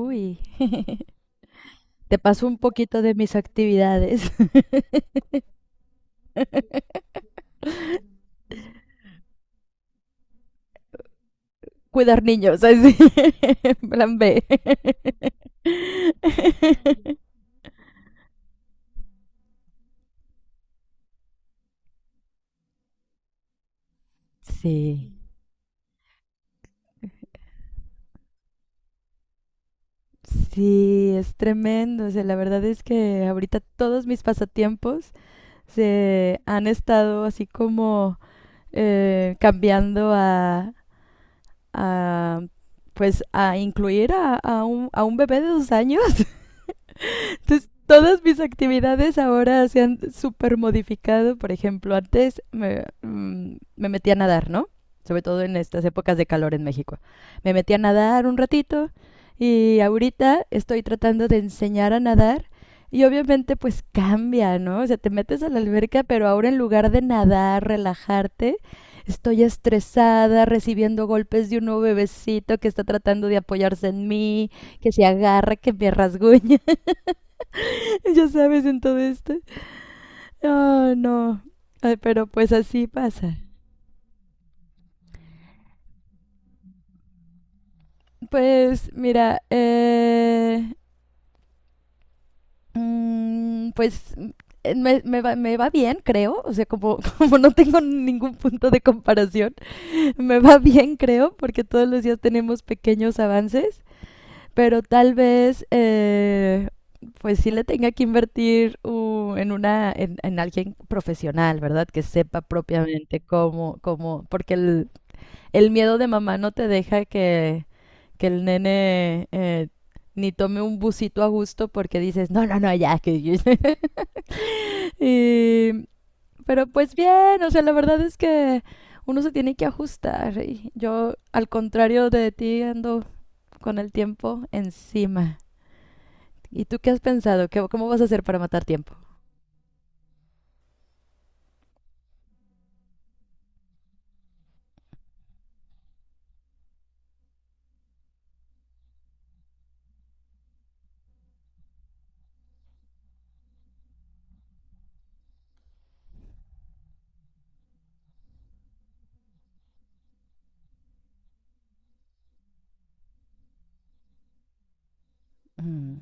Uy, te paso un poquito de mis actividades. Cuidar niños, así. Plan B. Sí, sí, es tremendo. O sea, la verdad es que ahorita todos mis pasatiempos se han estado así como cambiando a, pues a incluir a un bebé de 2 años. Entonces, todas mis actividades ahora se han súper modificado. Por ejemplo, antes me metía a nadar, ¿no? Sobre todo en estas épocas de calor en México. Me metí a nadar un ratito y ahorita estoy tratando de enseñar a nadar y obviamente pues cambia, ¿no? O sea, te metes a la alberca, pero ahora en lugar de nadar, relajarte, estoy estresada, recibiendo golpes de un nuevo bebecito que está tratando de apoyarse en mí, que se agarra, que me rasguña. Ya sabes, en todo esto. Ah, no. Ay, pero pues así pasa. Pues mira, pues me va bien, creo. O sea, como, como no tengo ningún punto de comparación, me va bien, creo, porque todos los días tenemos pequeños avances, pero tal vez, pues sí le tenga que invertir en alguien profesional, ¿verdad? Que sepa propiamente cómo, porque el miedo de mamá no te deja que el nene ni tome un busito a gusto porque dices, no, no, no, ya. Y, pero pues bien, o sea, la verdad es que uno se tiene que ajustar. Y yo, al contrario de ti, ando con el tiempo encima. ¿Y tú qué has pensado? ¿Cómo vas a hacer para matar tiempo? Mm.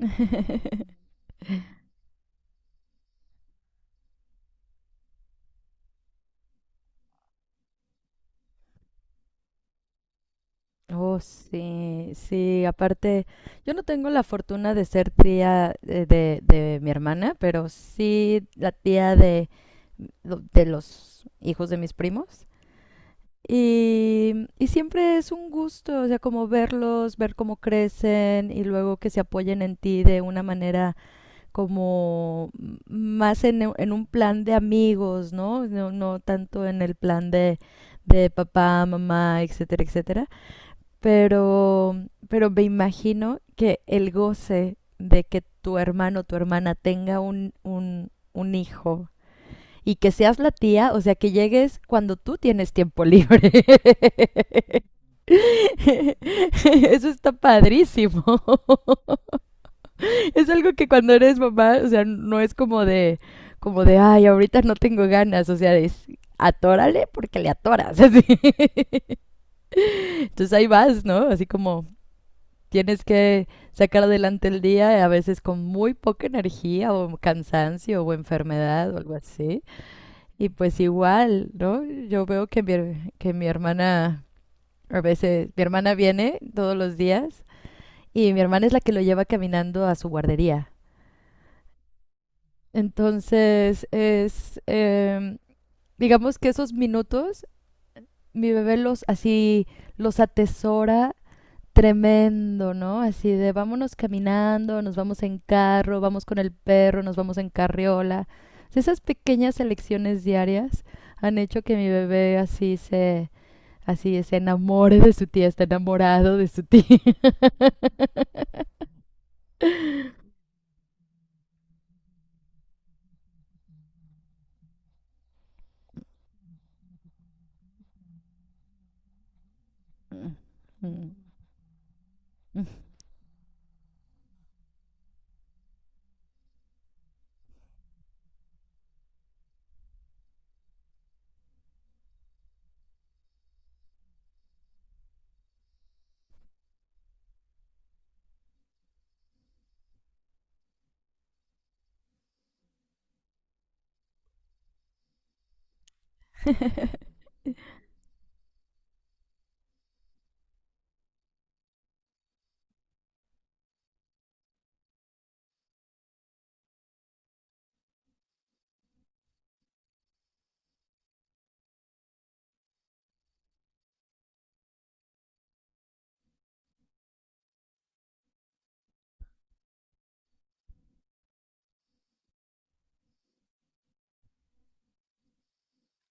Oh, sí, sí, aparte, yo no tengo la fortuna de ser tía de mi hermana, pero sí la tía de los hijos de mis primos. Y siempre es un gusto, o sea, como verlos, ver cómo crecen y luego que se apoyen en ti de una manera como más en un plan de amigos, ¿no? No, no tanto en el plan de papá, mamá, etcétera, etcétera. Pero, pero me imagino que el goce de que tu hermano o tu hermana tenga un hijo y que seas la tía, o sea, que llegues cuando tú tienes tiempo libre. Eso está padrísimo. Es algo que cuando eres mamá, o sea, no es como de, ay, ahorita no tengo ganas, o sea, es atórale porque le atoras. así. Entonces ahí vas, ¿no? Así como tienes que sacar adelante el día, a veces con muy poca energía o cansancio o enfermedad o algo así. Y pues igual, ¿no? Yo veo que que mi hermana, a veces, mi hermana viene todos los días y mi hermana es la que lo lleva caminando a su guardería. Entonces, digamos que esos minutos, mi bebé los así, los atesora. Tremendo, ¿no? Así de vámonos caminando, nos vamos en carro, vamos con el perro, nos vamos en carriola. O sea, esas pequeñas elecciones diarias han hecho que mi bebé así se enamore de su tía, está enamorado de su tía.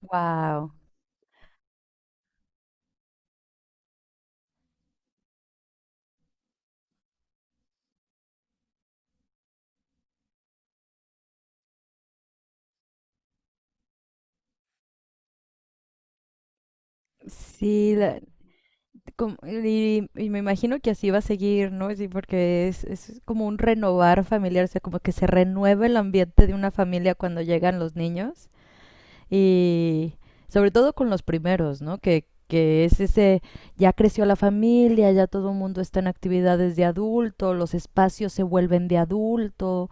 Wow. Sí, y me imagino que así va a seguir, ¿no? Sí, porque es como un renovar familiar, o sea, como que se renueva el ambiente de una familia cuando llegan los niños. Y sobre todo con los primeros, ¿no? Que es ese, ya creció la familia, ya todo el mundo está en actividades de adulto, los espacios se vuelven de adulto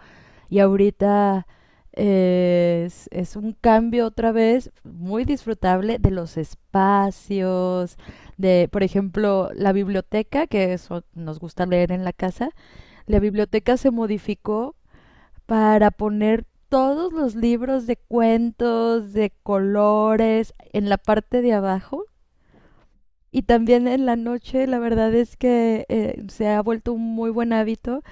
y ahorita es un cambio otra vez muy disfrutable de los espacios, de, por ejemplo, la biblioteca, que eso nos gusta leer en la casa, la biblioteca se modificó para poner todos los libros de cuentos, de colores, en la parte de abajo. Y también en la noche, la verdad es que se ha vuelto un muy buen hábito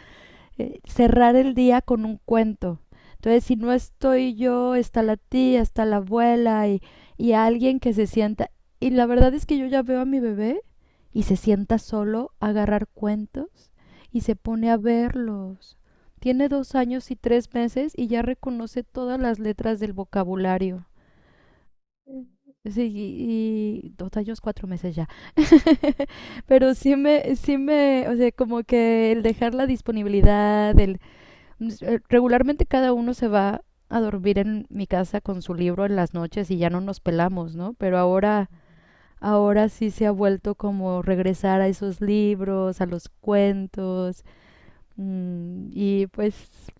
cerrar el día con un cuento. Entonces, si no estoy yo, está la tía, está la abuela y alguien que se sienta. Y la verdad es que yo ya veo a mi bebé y se sienta solo a agarrar cuentos y se pone a verlos. Tiene 2 años y 3 meses y ya reconoce todas las letras del vocabulario. Sí, y 2 años, 4 meses ya. Pero sí me, o sea, como que el dejar la disponibilidad, pues, regularmente cada uno se va a dormir en mi casa con su libro en las noches y ya no nos pelamos, ¿no? Pero ahora, ahora sí se ha vuelto como regresar a esos libros, a los cuentos y pues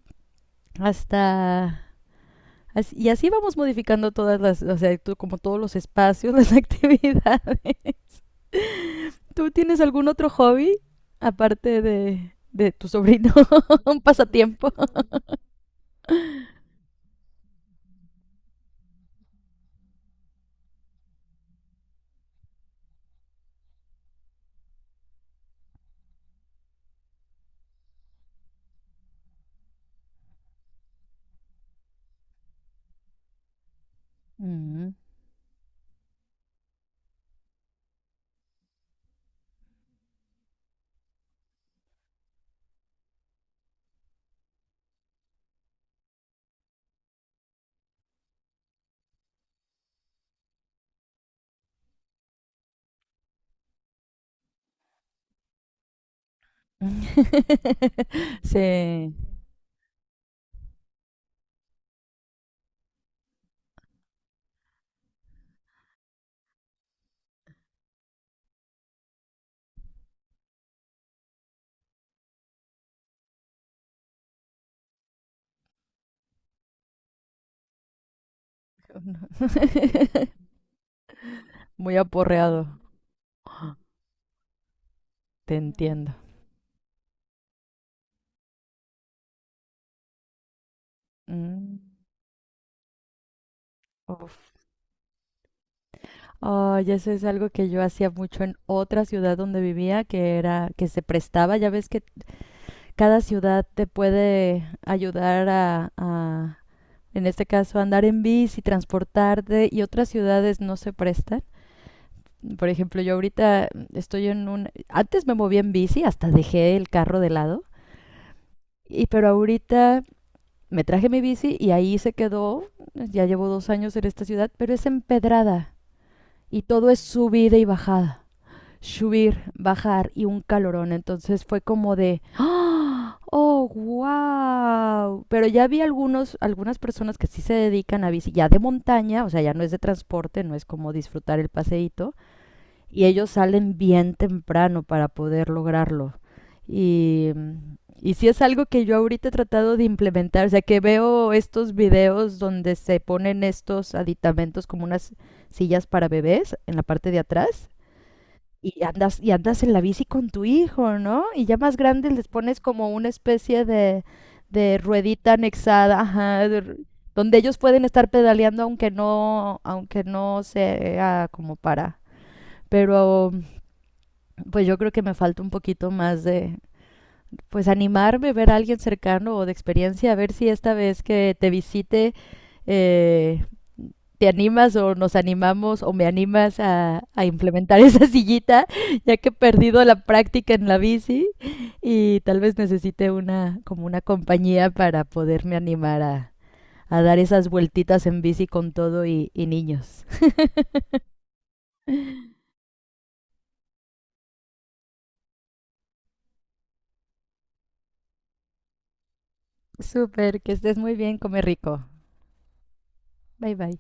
hasta Y así vamos modificando todas las, o sea, como todos los espacios, las actividades. ¿Tú tienes algún otro hobby aparte de tu sobrino? Un pasatiempo. Mm. Sí. Muy aporreado, te entiendo. Mm, uf. Ay, eso es algo que yo hacía mucho en otra ciudad donde vivía, que era que se prestaba. Ya ves que cada ciudad te puede ayudar a, en este caso, andar en bici, transportarte, y otras ciudades no se prestan. Por ejemplo, yo ahorita estoy en un... Antes me movía en bici, hasta dejé el carro de lado, y pero ahorita me traje mi bici y ahí se quedó. Ya llevo 2 años en esta ciudad, pero es empedrada y todo es subida y bajada. Subir, bajar y un calorón. Entonces fue como de. ¡Ah! ¡Oh, wow! Pero ya vi algunos, algunas personas que sí se dedican a bici ya de montaña, o sea, ya no es de transporte, no es como disfrutar el paseíto, y ellos salen bien temprano para poder lograrlo. Y, y sí es algo que yo ahorita he tratado de implementar, o sea que veo estos videos donde se ponen estos aditamentos como unas sillas para bebés en la parte de atrás y andas en la bici con tu hijo, ¿no? Y ya más grandes les pones como una especie de ruedita anexada, ajá, donde ellos pueden estar pedaleando aunque no sea como para. Pero pues yo creo que me falta un poquito más de, pues animarme, ver a alguien cercano o de experiencia, a ver si esta vez que te visite eh, te animas o nos animamos o me animas a implementar esa sillita, ya que he perdido la práctica en la bici y tal vez necesite como una compañía para poderme animar a dar esas vueltitas en bici con todo y niños. Súper, que estés muy bien, come rico. Bye bye.